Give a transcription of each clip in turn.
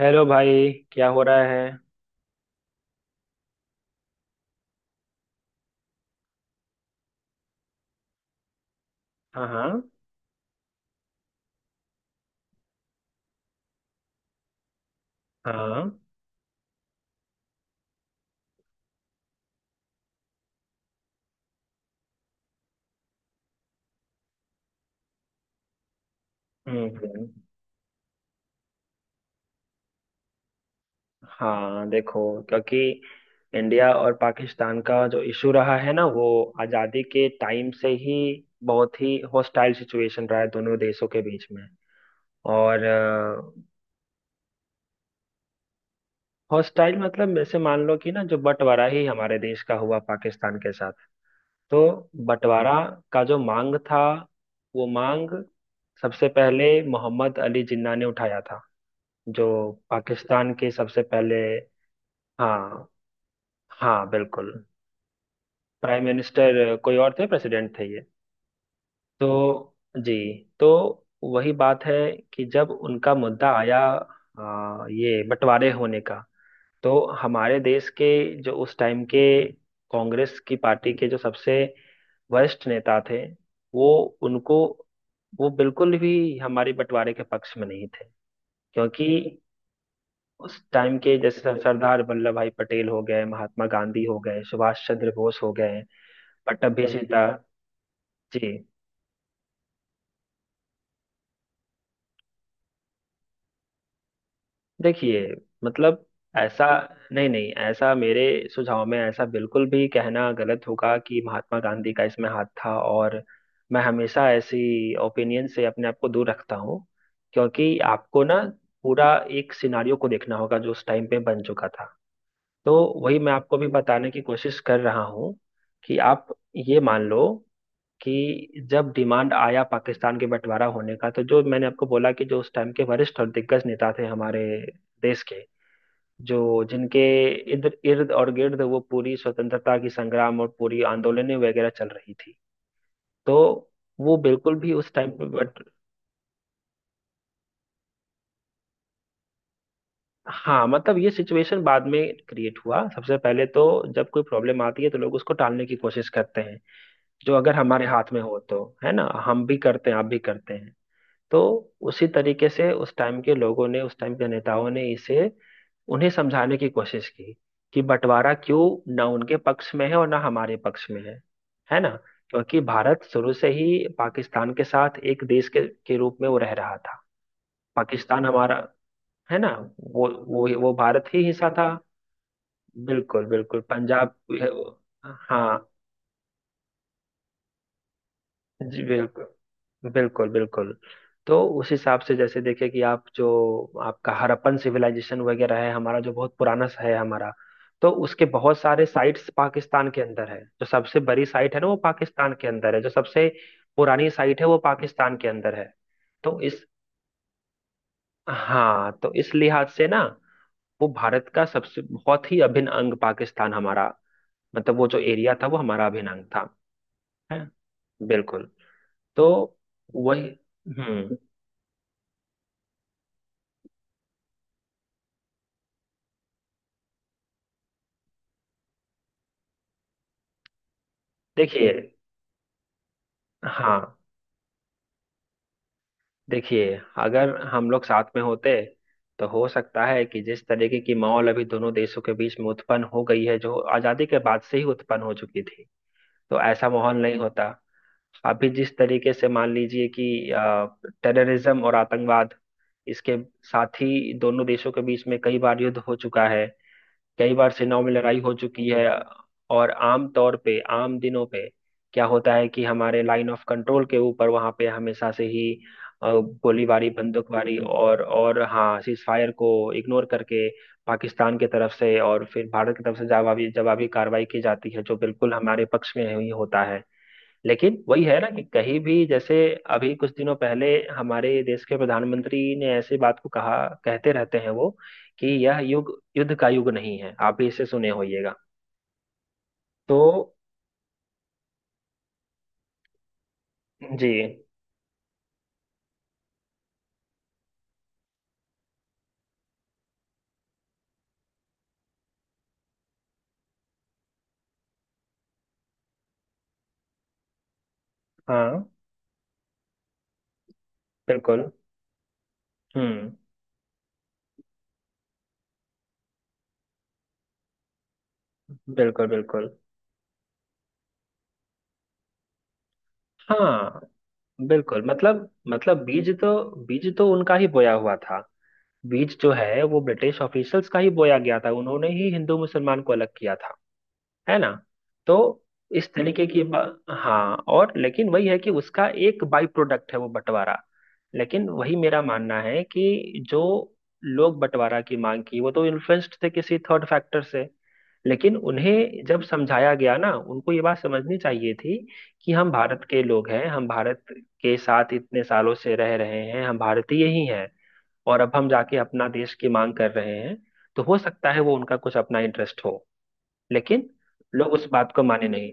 Hello भाई, क्या हो रहा है? हाँ, हाँ, हाँ। हम्म हम्म, हाँ, देखो, क्योंकि इंडिया और पाकिस्तान का जो इशू रहा है ना, वो आज़ादी के टाइम से ही बहुत ही हॉस्टाइल सिचुएशन रहा है दोनों देशों के बीच में। और हॉस्टाइल मतलब जैसे मान लो कि ना, जो बंटवारा ही हमारे देश का हुआ पाकिस्तान के साथ, तो बंटवारा का जो मांग था, वो मांग सबसे पहले मोहम्मद अली जिन्ना ने उठाया था, जो पाकिस्तान के सबसे पहले। हाँ, हाँ, बिल्कुल। प्राइम मिनिस्टर कोई और थे, प्रेसिडेंट थे ये। तो जी, तो वही बात है कि जब उनका मुद्दा आया, ये बंटवारे होने का, तो हमारे देश के जो उस टाइम के कांग्रेस की पार्टी के जो सबसे वरिष्ठ नेता थे, वो उनको, वो बिल्कुल भी हमारे बंटवारे के पक्ष में नहीं थे। क्योंकि उस टाइम के जैसे सरदार वल्लभ भाई पटेल हो गए, महात्मा गांधी हो गए, सुभाष चंद्र बोस हो गए, पट्टभी सिद्धा। जी, देखिए, मतलब ऐसा, नहीं नहीं, ऐसा मेरे सुझाव में ऐसा बिल्कुल भी कहना गलत होगा कि महात्मा गांधी का इसमें हाथ था। और मैं हमेशा ऐसी ओपिनियन से अपने आप को दूर रखता हूँ, क्योंकि आपको ना पूरा एक सिनारियो को देखना होगा जो उस टाइम पे बन चुका था। तो वही मैं आपको भी बताने की कोशिश कर रहा हूँ कि आप ये मान लो कि जब डिमांड आया पाकिस्तान के बंटवारा होने का, तो जो मैंने आपको बोला कि जो उस टाइम के वरिष्ठ और दिग्गज नेता थे हमारे देश के, जो जिनके इधर इर्द और गिर्द वो पूरी स्वतंत्रता की संग्राम और पूरी आंदोलनें वगैरह चल रही थी, तो वो बिल्कुल भी उस टाइम पे बट। हाँ, मतलब ये सिचुएशन बाद में क्रिएट हुआ। सबसे पहले तो जब कोई प्रॉब्लम आती है तो लोग उसको टालने की कोशिश करते हैं, जो अगर हमारे हाथ में हो, तो है ना, हम भी करते हैं, आप भी करते हैं। तो उसी तरीके से उस टाइम के लोगों ने, उस टाइम के नेताओं ने इसे उन्हें समझाने की कोशिश की कि बंटवारा क्यों ना उनके पक्ष में है और ना हमारे पक्ष में है ना। क्योंकि भारत शुरू से ही पाकिस्तान के साथ एक देश के रूप में वो रह रहा था। पाकिस्तान हमारा, है ना, वो भारत ही हिस्सा था। बिल्कुल बिल्कुल, पंजाब। हाँ जी, बिल्कुल बिल्कुल बिल्कुल। तो उस हिसाब से जैसे देखे कि आप जो आपका हड़प्पन सिविलाइजेशन वगैरह है हमारा, जो बहुत पुराना सा है हमारा, तो उसके बहुत सारे साइट्स पाकिस्तान के अंदर है। जो सबसे बड़ी साइट है ना वो पाकिस्तान के अंदर है, जो सबसे पुरानी साइट है वो पाकिस्तान के अंदर है। तो इस, हाँ, तो इस लिहाज से ना वो भारत का सबसे बहुत ही अभिन्न अंग पाकिस्तान हमारा, मतलब वो जो एरिया था वो हमारा अभिन्न अंग था है। बिल्कुल। तो वही। हम्म। देखिए, हाँ, देखिए अगर हम लोग साथ में होते, तो हो सकता है कि जिस तरीके की माहौल अभी दोनों देशों के बीच में उत्पन्न हो गई है, जो आजादी के बाद से ही उत्पन्न हो चुकी थी, तो ऐसा माहौल नहीं होता। अभी जिस तरीके से मान लीजिए कि टेररिज्म और आतंकवाद, इसके साथ ही दोनों देशों के बीच में कई बार युद्ध हो चुका है, कई बार सेनाओं में लड़ाई हो चुकी है। और आम तौर पे, आम दिनों पे क्या होता है कि हमारे लाइन ऑफ कंट्रोल के ऊपर वहां पे हमेशा से ही अ, गोलीबारी, बंदूकबारी और हाँ, सीज फायर को इग्नोर करके पाकिस्तान की तरफ से, और फिर भारत की तरफ से जवाबी जवाबी कार्रवाई की जाती है, जो बिल्कुल हमारे पक्ष में ही होता है। लेकिन वही है ना कि कहीं भी जैसे अभी कुछ दिनों पहले हमारे देश के प्रधानमंत्री ने ऐसी बात को कहा, कहते रहते हैं वो, कि यह युग, युद्ध का युग नहीं है, आप भी इसे सुने होइएगा। तो जी, हाँ, बिल्कुल। हम्म, बिल्कुल बिल्कुल। हाँ बिल्कुल, मतलब मतलब बीज तो, बीज तो उनका ही बोया हुआ था। बीज जो है वो ब्रिटिश ऑफिसर्स का ही बोया गया था, उन्होंने ही हिंदू मुसलमान को अलग किया था, है ना। तो इस तरीके की बा- हाँ और, लेकिन वही है कि उसका एक बाई प्रोडक्ट है वो बंटवारा। लेकिन वही मेरा मानना है कि जो लोग बंटवारा की मांग की, वो तो इन्फ्लुएंस्ड थे किसी थर्ड फैक्टर से। लेकिन उन्हें जब समझाया गया ना, उनको ये बात समझनी चाहिए थी कि हम भारत के लोग हैं, हम भारत के साथ इतने सालों से रह रहे हैं, हम भारतीय ही हैं, और अब हम जाके अपना देश की मांग कर रहे हैं। तो हो सकता है वो उनका कुछ अपना इंटरेस्ट हो, लेकिन लोग उस बात को माने नहीं।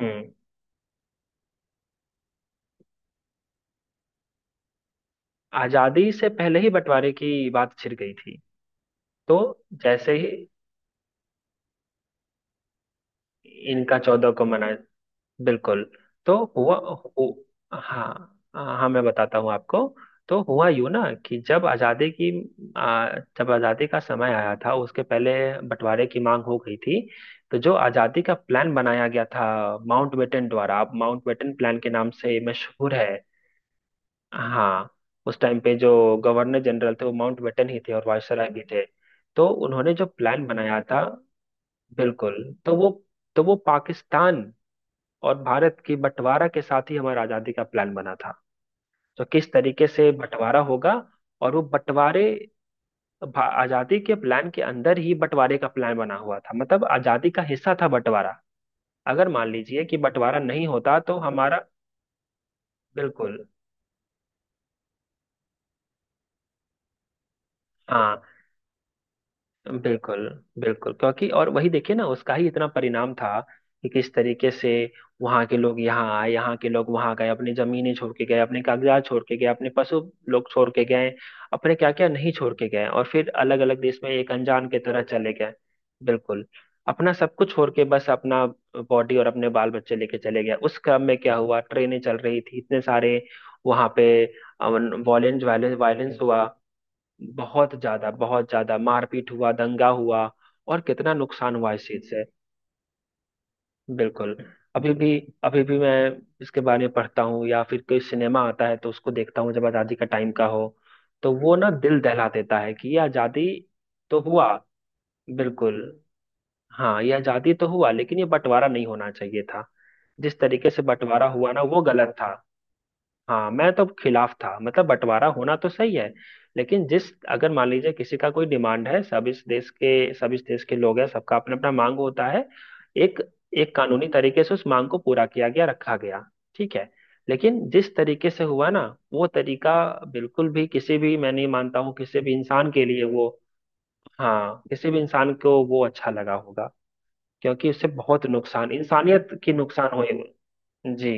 हम्म। आजादी से पहले ही बंटवारे की बात छिड़ गई थी। तो जैसे ही इनका 14 को मनाया, बिल्कुल। तो हुआ, हु, हाँ हाँ, मैं बताता हूँ आपको। तो हुआ यूं ना कि जब आजादी की, आ, जब आजादी का समय आया था, उसके पहले बंटवारे की मांग हो गई थी। तो जो आजादी का प्लान बनाया गया था माउंटबेटन द्वारा, आप माउंटबेटन प्लान के नाम से मशहूर है। हाँ, उस टाइम पे जो गवर्नर जनरल थे वो माउंटबेटन ही थे, और वायसराय भी थे। तो उन्होंने जो प्लान बनाया था, बिल्कुल, तो वो तो वो पाकिस्तान और भारत की बंटवारा के साथ ही हमारा आजादी का प्लान बना था। तो किस तरीके से बंटवारा होगा, और वो बंटवारे, आजादी के प्लान के अंदर ही बंटवारे का प्लान बना हुआ था, मतलब आजादी का हिस्सा था बंटवारा। अगर मान लीजिए कि बंटवारा नहीं होता तो हमारा, बिल्कुल, हाँ, बिल्कुल बिल्कुल। क्योंकि और वही देखिए ना, उसका ही इतना परिणाम था कि किस तरीके से वहां के लोग यहाँ आए, यहाँ के लोग वहां गए, अपनी जमीनें छोड़ के गए, अपने कागजात छोड़ के गए, अपने पशु लोग छोड़ के गए, अपने क्या क्या नहीं छोड़ के गए, और फिर अलग अलग देश में एक अनजान की तरह चले गए। बिल्कुल। अपना सब कुछ छोड़ के बस अपना बॉडी और अपने बाल बच्चे लेके चले गए। उस क्रम में क्या हुआ, ट्रेनें चल रही थी इतने सारे, वहां पे वायलेंस वायलेंस वायलेंस हुआ, बहुत ज्यादा मारपीट हुआ, दंगा हुआ, और कितना नुकसान हुआ इस चीज से। बिल्कुल। अभी भी, अभी भी मैं इसके बारे में पढ़ता हूँ, या फिर कोई सिनेमा आता है तो उसको देखता हूँ जब आजादी का टाइम का हो, तो वो ना दिल दहला देता है, कि ये आजादी तो हुआ, बिल्कुल, हाँ, ये आजादी तो हुआ, लेकिन ये बंटवारा नहीं होना चाहिए था। जिस तरीके से बंटवारा हुआ ना, वो गलत था। हाँ, मैं तो खिलाफ था। मतलब बंटवारा होना तो सही है, लेकिन जिस, अगर मान लीजिए किसी का कोई डिमांड है, सब इस देश के, सब इस देश के लोग हैं, सबका अपना अपना मांग होता है, एक, एक कानूनी तरीके से उस मांग को पूरा किया गया, रखा गया, ठीक है। लेकिन जिस तरीके से हुआ ना, वो तरीका बिल्कुल भी, किसी भी, मैं नहीं मानता हूँ किसी भी इंसान के लिए वो, हाँ, किसी भी इंसान को वो अच्छा लगा होगा, क्योंकि उससे बहुत नुकसान, इंसानियत की नुकसान हुई। जी,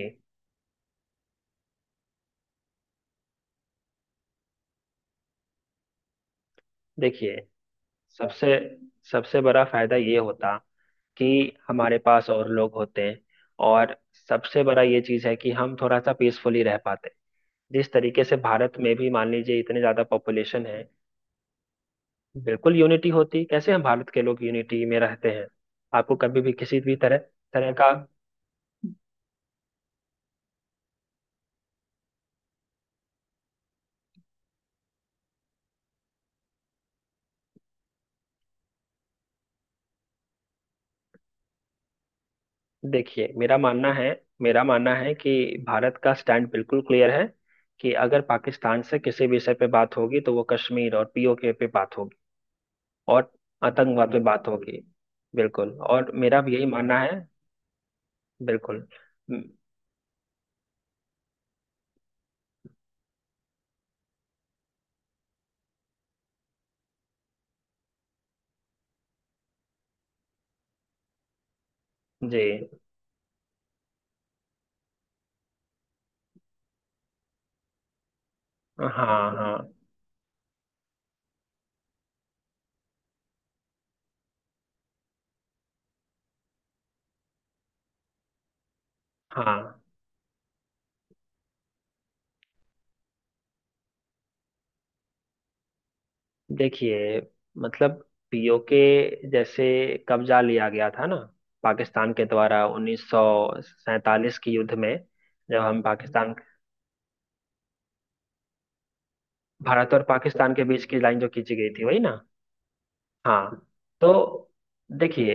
देखिए, सबसे सबसे बड़ा फायदा ये होता कि हमारे पास और लोग होते हैं, और सबसे बड़ा ये चीज है कि हम थोड़ा सा पीसफुली रह पाते। जिस तरीके से भारत में भी मान लीजिए इतने ज्यादा पॉपुलेशन है, बिल्कुल यूनिटी होती, कैसे हम भारत के लोग यूनिटी में रहते हैं। आपको कभी भी किसी भी तरह, तरह का देखिए, मेरा मानना है, मेरा मानना है कि भारत का स्टैंड बिल्कुल क्लियर है, कि अगर पाकिस्तान से किसी विषय पे बात होगी तो वो कश्मीर और पीओके पे बात होगी, और आतंकवाद पे बात होगी। बिल्कुल, और मेरा भी यही मानना है। बिल्कुल। म- जी, हाँ, हाँ, हाँ। देखिए, मतलब पीओके जैसे कब्जा लिया गया था ना पाकिस्तान के द्वारा 1947 के युद्ध में, जब हम पाकिस्तान, भारत और पाकिस्तान के बीच की लाइन जो खींची गई थी वही ना। हाँ, तो देखिए,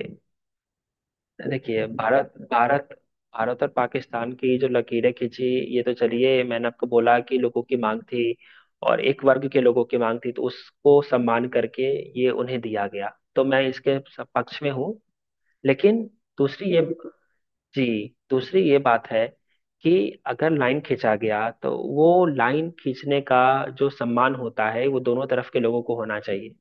देखिए भारत, भारत और पाकिस्तान की जो लकीरें खींची, ये तो चलिए मैंने आपको बोला कि लोगों की मांग थी, और एक वर्ग के लोगों की मांग थी, तो उसको सम्मान करके ये उन्हें दिया गया। तो मैं इसके पक्ष में हूँ। लेकिन दूसरी ये, जी, दूसरी ये बात है कि अगर लाइन खींचा गया तो वो लाइन खींचने का जो सम्मान होता है वो दोनों तरफ के लोगों को होना चाहिए।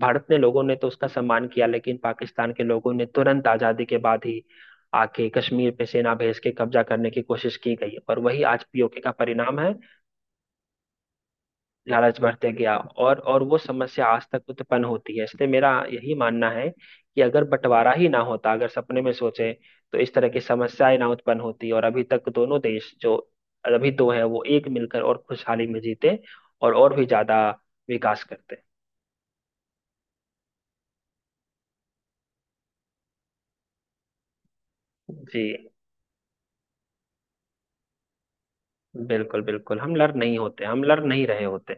भारत ने, लोगों ने तो उसका सम्मान किया, लेकिन पाकिस्तान के लोगों ने तुरंत आजादी के बाद ही आके कश्मीर पे सेना भेज के कब्जा करने की कोशिश की गई, पर वही आज पीओके का परिणाम है। लालच बढ़ते गया, और वो समस्या आज तक उत्पन्न होती है, इसलिए मेरा यही मानना है कि अगर बंटवारा ही ना होता, अगर सपने में सोचे, तो इस तरह की समस्याएं ना उत्पन्न होती, और अभी तक दोनों देश जो अभी दो है वो एक मिलकर और खुशहाली में जीते, और भी ज्यादा विकास करते। जी, बिल्कुल बिल्कुल, हम लर्न नहीं होते, हम लर्न नहीं रहे होते।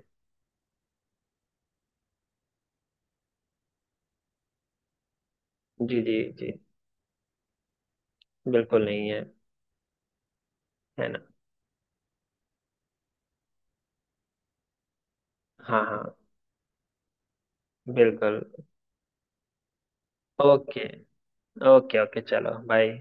जी जी जी, बिल्कुल नहीं है, है ना। हाँ हाँ, बिल्कुल। ओके, ओके ओके, चलो बाय।